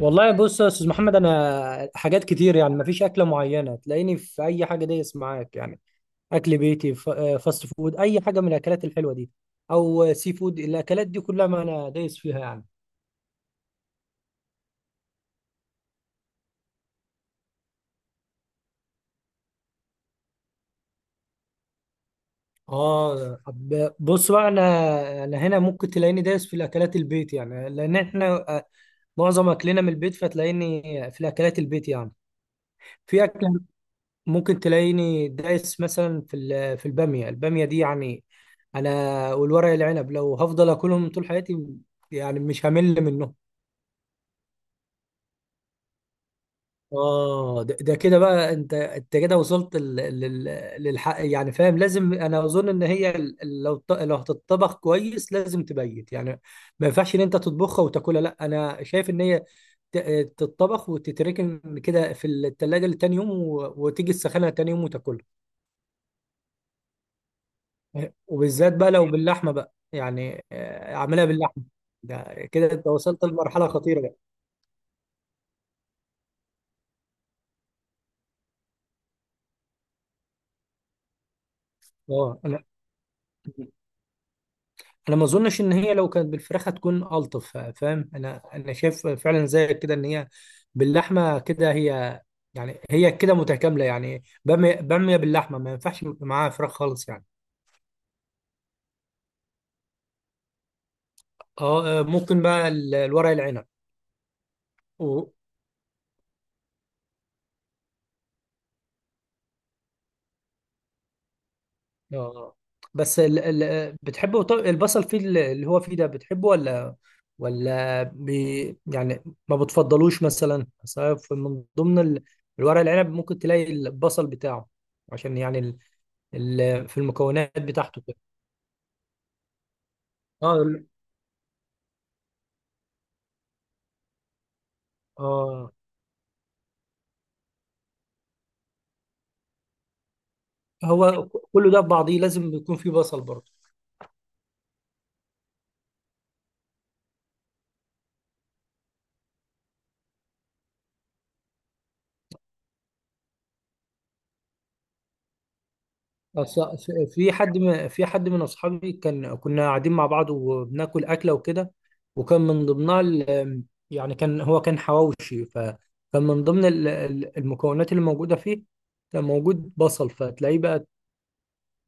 والله، بص يا استاذ محمد، انا حاجات كتير يعني مفيش اكله معينه، تلاقيني في اي حاجه دايس معاك يعني اكل بيتي، فاست فود، اي حاجه من الاكلات الحلوه دي، او سي فود، الاكلات دي كلها ما انا دايس فيها يعني. اه، طب بص بقى، انا هنا ممكن تلاقيني دايس في الاكلات البيت، يعني لان احنا معظم اكلنا من البيت، فتلاقيني في الاكلات البيت يعني، في اكله ممكن تلاقيني دايس مثلا في الباميه دي يعني. انا والورق العنب لو هفضل اكلهم طول حياتي، يعني مش همل منهم. اه، ده كده بقى، انت كده وصلت للحق، يعني فاهم، لازم انا اظن ان هي، لو لو هتطبخ كويس لازم تبيت يعني. ما ينفعش ان انت تطبخها وتاكلها، لا انا شايف ان هي تتطبخ وتتركن كده في التلاجة لتاني يوم، و- وتيجي تسخنها تاني يوم وتاكلها. وبالذات بقى لو باللحمه بقى يعني، اعملها باللحمه، ده كده انت وصلت لمرحله خطيره بقى. اه، انا ما اظنش ان هي لو كانت بالفراخ هتكون الطف، فاهم، انا شايف فعلا زي كده ان هي باللحمه كده، هي يعني هي كده متكامله، يعني باميه باميه باللحمه ما ينفعش معاها فراخ خالص يعني. اه، ممكن بقى الورق العنب. و- اه، بس بتحبه؟ طب البصل فيه اللي هو فيه ده، بتحبه ولا يعني ما بتفضلوش؟ مثلا أصل من ضمن الورق العنب ممكن تلاقي البصل بتاعه، عشان يعني في المكونات بتاعته كده. اه اه، هو كله ده في بعضيه لازم يكون فيه بصل برضه. أص- في حد في حد من اصحابي، كان كنا قاعدين مع بعض وبناكل اكله وكده، وكان من ضمنها يعني كان، هو كان حواوشي، فكان من ضمن المكونات اللي موجوده فيه كان موجود بصل، فتلاقيه بقى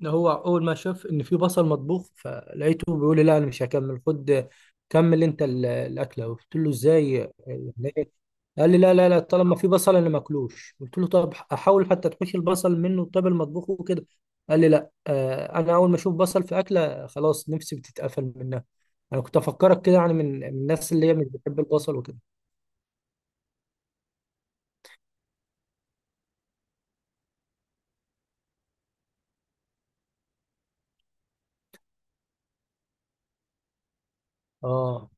ده، هو اول ما شاف ان في بصل مطبوخ فلقيته بيقول لي لا انا مش هكمل، خد كمل انت الاكله. قلت له ازاي؟ يعني إيه؟ قال لي لا لا لا، طالما في بصل انا ماكلوش. قلت له طب احاول حتى تحوش البصل منه، طب المطبوخ وكده. قال لي لا، انا اول ما اشوف بصل في اكله خلاص نفسي بتتقفل منها. انا كنت افكرك كده، يعني من الناس اللي هي مش بتحب البصل وكده. اه،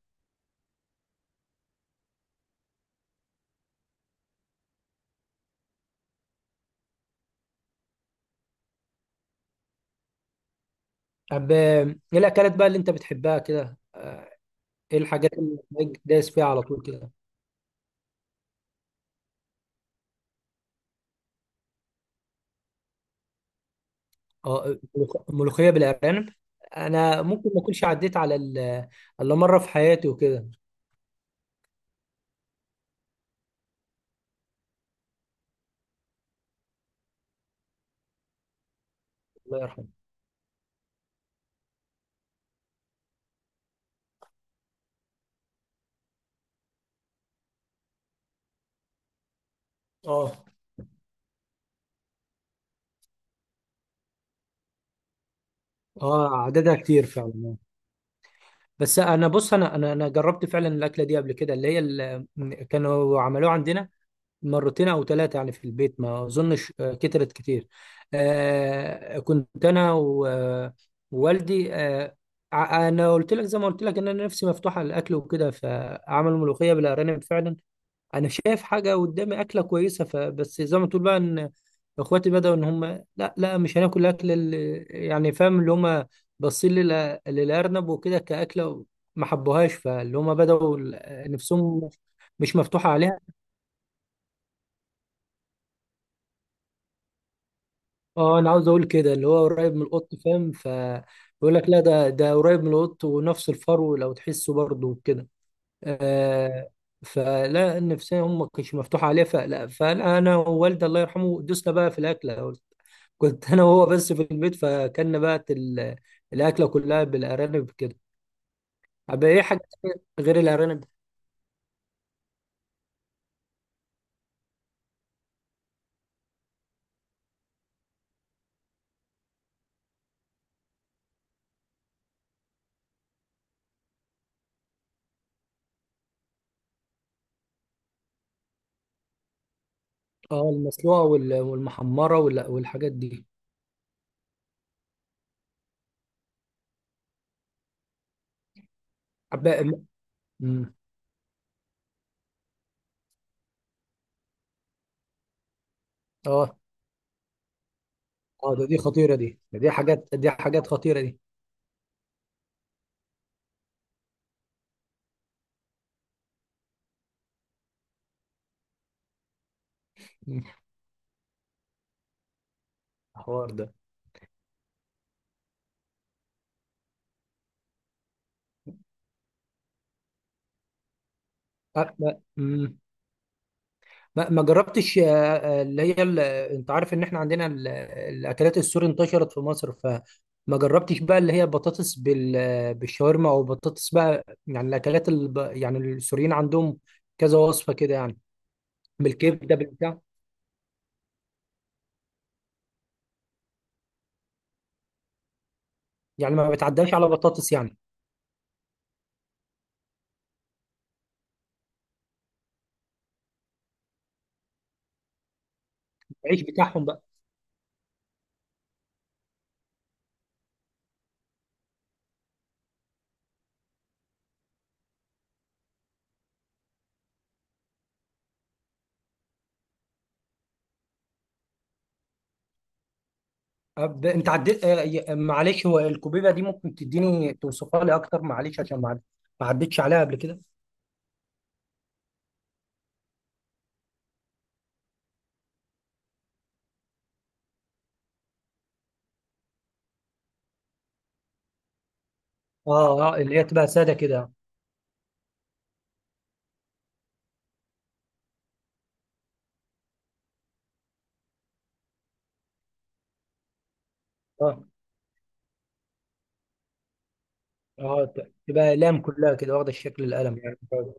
طب ايه الاكلات بقى اللي انت بتحبها كده؟ ايه الحاجات اللي دايس فيها على طول كده؟ اه، ملوخيه بالارانب، انا ممكن ما اكونش عديت على الا مره في حياتي وكده. الله يرحمه. اه. اه، عددها كتير فعلا. بس انا بص، انا جربت فعلا الاكله دي قبل كده، اللي هي كانوا عملوها عندنا مرتين او ثلاثه يعني في البيت، ما اظنش كترت كتير. كنت انا ووالدي، انا قلت لك زي ما قلت لك ان انا نفسي مفتوحه للاكل وكده، فعملوا ملوخيه بالارانب فعلا. انا شايف حاجه قدامي اكله كويسه، فبس زي ما تقول بقى ان اخواتي بداوا ان هم لا لا، مش هناكل الاكل، اللي يعني فاهم، اللي هم باصين للارنب وكده كاكله، ما حبوهاش، فاللي هم بداوا نفسهم مش مفتوحه عليها. اه، انا عاوز اقول كده اللي هو قريب من القط، فاهم، فيقول لك لا ده قريب من القط، ونفس الفرو لو تحسه برضه وكده. آه. فلا، النفسيه هم مش مفتوحه عليها فلا، فانا ووالدي الله يرحمه دوسنا بقى في الاكله، كنت انا وهو بس في البيت، فكنا بقى الاكله كلها بالارانب كده. طب ايه حاجه تانية غير الارانب؟ اه، المسلوقه وال- والمحمره وال- والحاجات دي. طب بقى- أمم. اه اه، دي خطيره، دي دي حاجات، دي حاجات خطيره دي. أمم. الحوار ده. لا. ما جربتش اللي هي انت عارف ان احنا عندنا الاكلات السوري انتشرت في مصر، فما جربتش بقى اللي هي بطاطس بالشاورما، او بطاطس بقى، يعني الاكلات يعني السوريين عندهم كذا وصفة كده يعني، بالكبدة بالبتاع. يعني ما بتعداش على بطاطس يعني؟ العيش بتاعهم بقى. انت عديت معلش، هو الكوبيبة دي ممكن تديني توصفها لي اكتر؟ معلش، عشان ما عدتش عليها قبل كده. اه، اللي هي تبقى سادة كده. اه اه، تبقى اقلام كلها كده، واخده الشكل القلم يعني. طيب.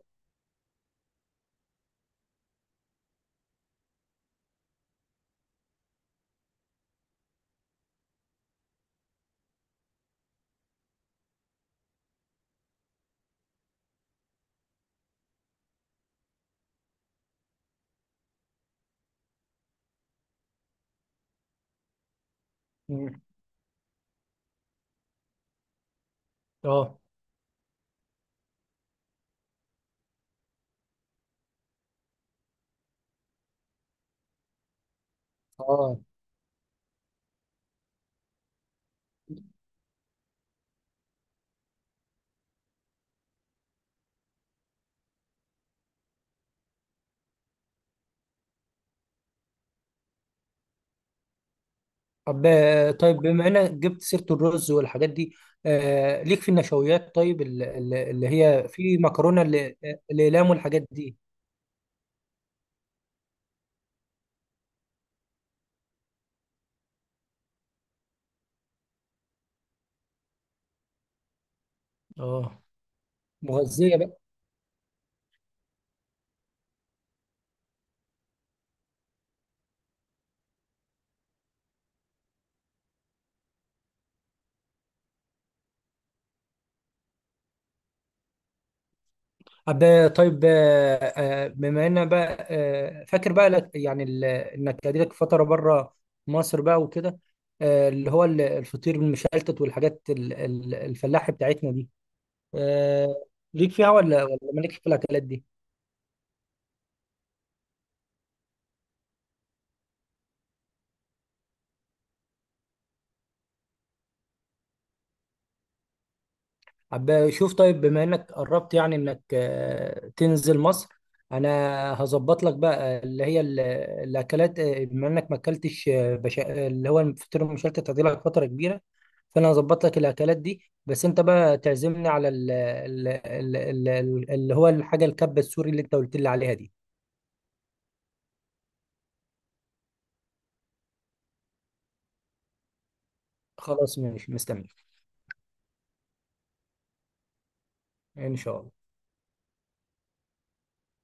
مم. اه اه، طب آه، طيب بما انك جبت سيره الرز والحاجات دي، ليك في النشويات؟ طيب اللي هي في مكرونه الاقلام والحاجات دي. اه، مغذيه بقى. طب طيب بما ان بقى فاكر بقى لك يعني انك قعدتك فتره بره مصر بقى وكده، اللي هو الفطير المشلتت والحاجات الفلاحي بتاعتنا دي، آه، ليك فيها ولا مالك في الاكلات دي؟ عب شوف، طيب بما انك قربت يعني انك تنزل مصر، انا هظبط لك بقى اللي هي الاكلات، بما انك ما اكلتش اللي هو الفطير المشلتت هتجيلك فتره كبيره، فانا هظبط لك الاكلات دي، بس انت بقى تعزمني على اللي هو الحاجه الكبه السوري اللي انت قلت لي عليها دي. خلاص ماشي، مستنيك. ان شاء الله.